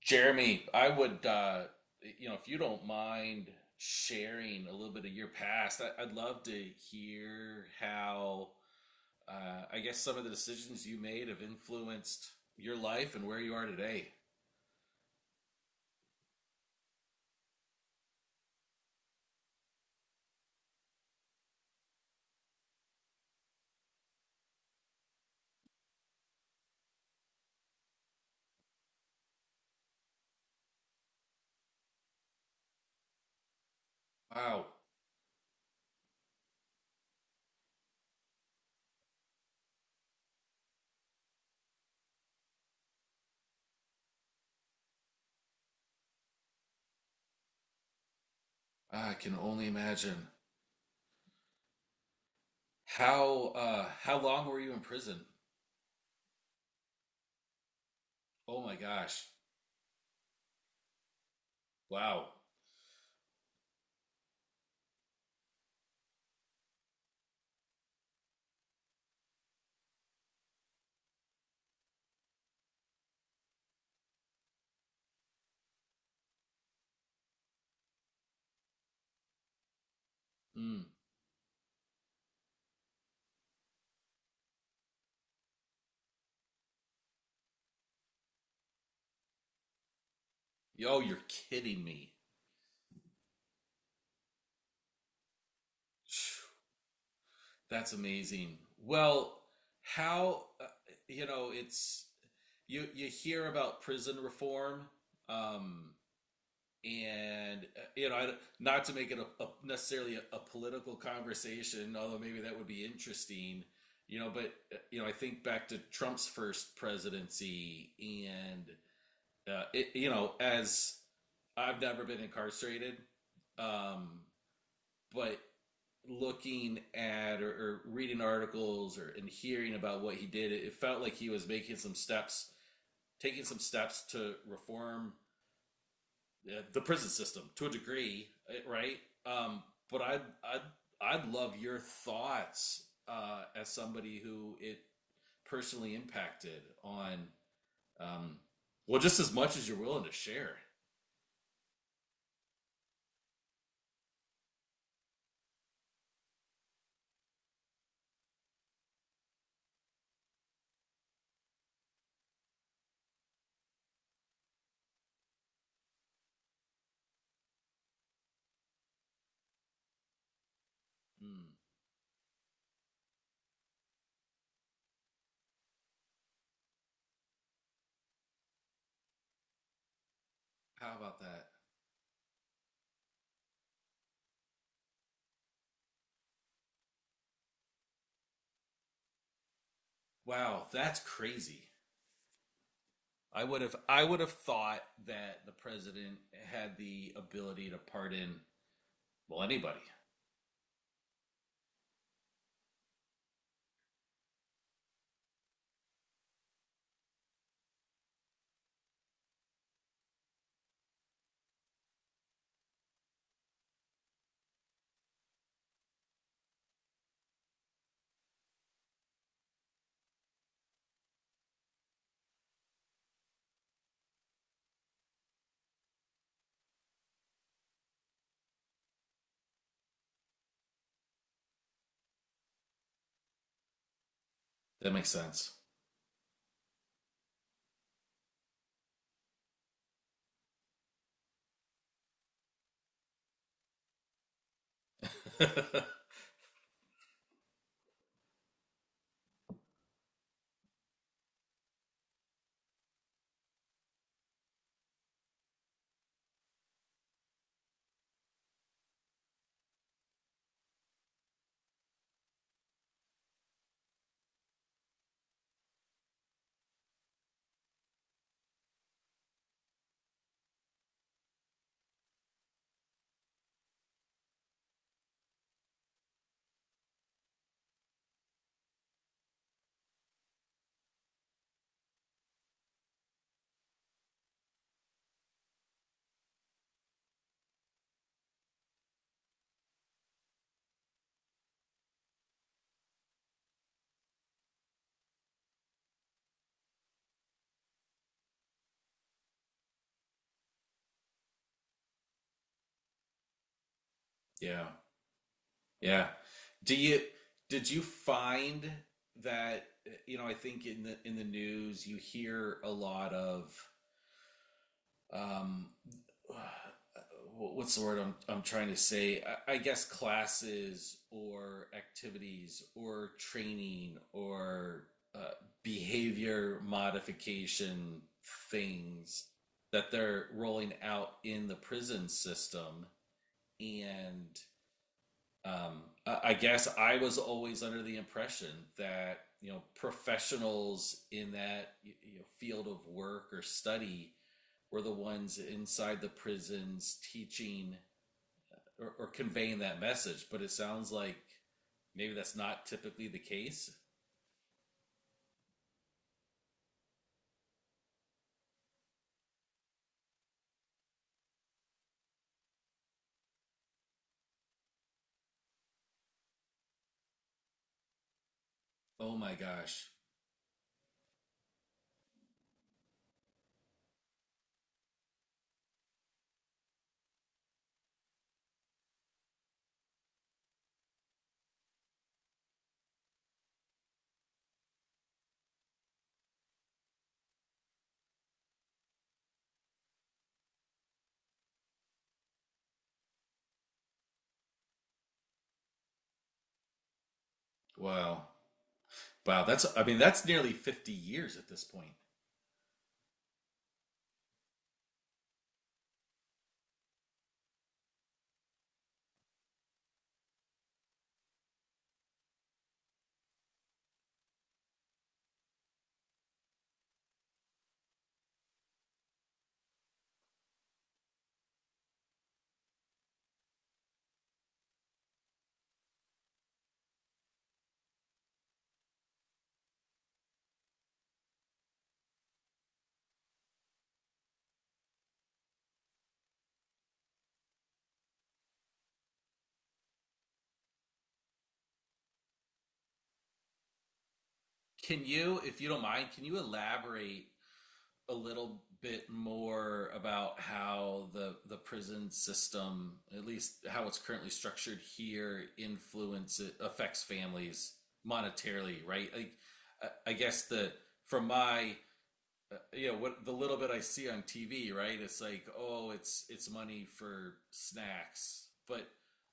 Jeremy, I would, you know, if you don't mind sharing a little bit of your past, I'd love to hear how, I guess, some of the decisions you made have influenced your life and where you are today. Wow, I can only imagine. How long were you in prison? Oh my gosh! Wow. Mm. Yo, you're kidding me. Phew. That's amazing. Well, how you know it's you hear about prison reform, um, and you know not to make it a necessarily a political conversation, although maybe that would be interesting. You know, but you know I think back to Trump's first presidency, and you know as I've never been incarcerated, um, but looking at or reading articles or and hearing about what he did, it felt like he was making some steps, taking some steps to reform the prison system to a degree, eh, right? Um, but I'd love your thoughts as somebody who it personally impacted on um, well just as much as you're willing to share. Hmm. How about that? Wow, that's crazy. I would have thought that the president had the ability to pardon well anybody. That makes sense. Yeah. Yeah. Do you did you find that you know I think in the news you hear a lot of um, what's the word I'm trying to say? I guess classes or activities or training or uh, behavior modification things that they're rolling out in the prison system. And guess I was always under the impression that, you know, professionals in that you know, field of work or study were the ones inside the prisons teaching or conveying that message. But it sounds like maybe that's not typically the case. Oh my gosh. Wow. Wow. That's, I mean, that's nearly 50 years at this point. Can you, if you don't mind, can you elaborate a little bit more about how the prison system, at least how it's currently structured here, influences affects families monetarily, right? Like, I guess the from my you know what the little bit I see on TV, right? It's like, oh, it's money for snacks, but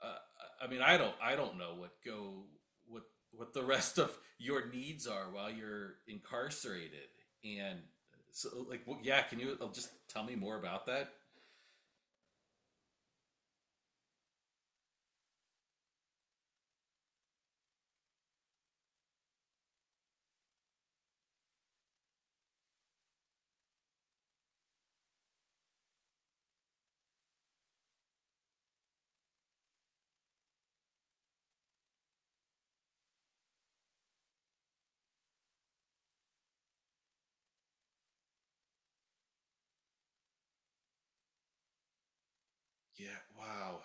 uh, I mean, I don't know what go what what the rest of your needs are while you're incarcerated, and so like, well, yeah, can you just tell me more about that? Yeah, wow.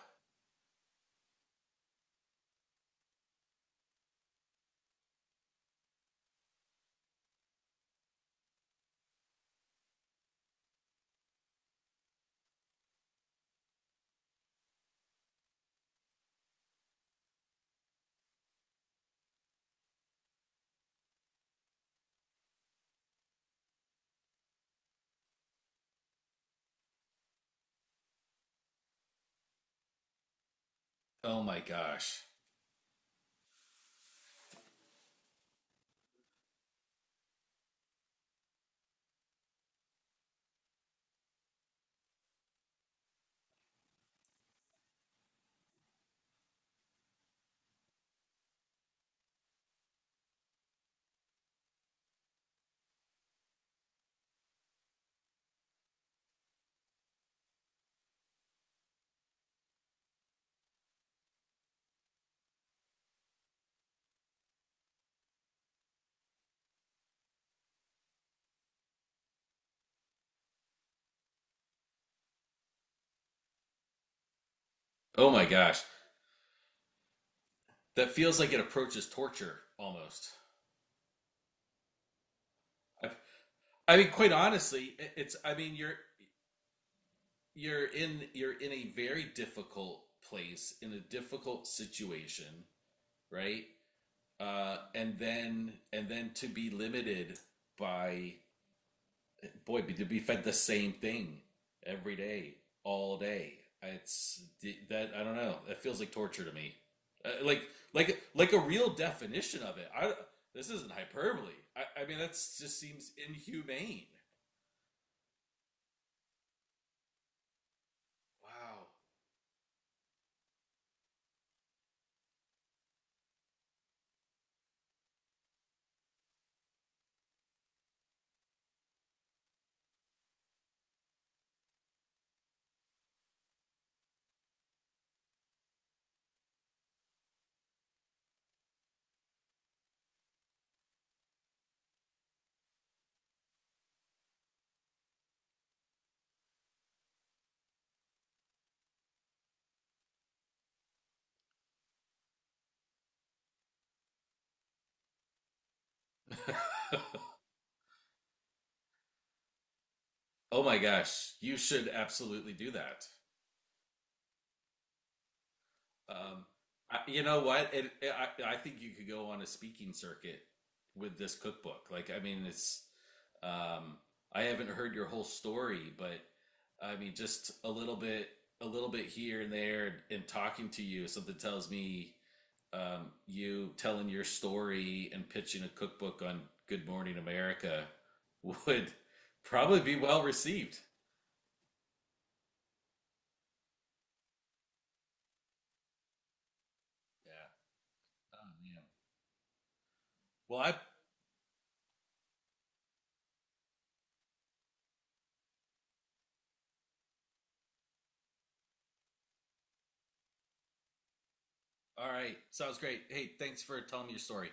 Oh my gosh. Oh my gosh. That feels like it approaches torture almost. I, I mean, quite honestly, it's. I mean, you're you're in a very difficult place in a difficult situation, right? And then to be limited by boy, to be fed the same thing every day, all day. It's that I don't know. That feels like torture to me. Uh, like like a real definition of it. I this isn't hyperbole. I mean, that's just seems inhumane. Wow. Oh my gosh, you should absolutely do that. Um, you know what? I think you could go on a speaking circuit with this cookbook. Like, I mean, um, I haven't heard your whole story, but I mean, just a little bit here and there, and talking to you, something tells me you telling your story and pitching a cookbook on Good Morning America would probably be well received. Yeah. Oh, man. Well, I All right. Sounds great. Hey, thanks for telling me your story.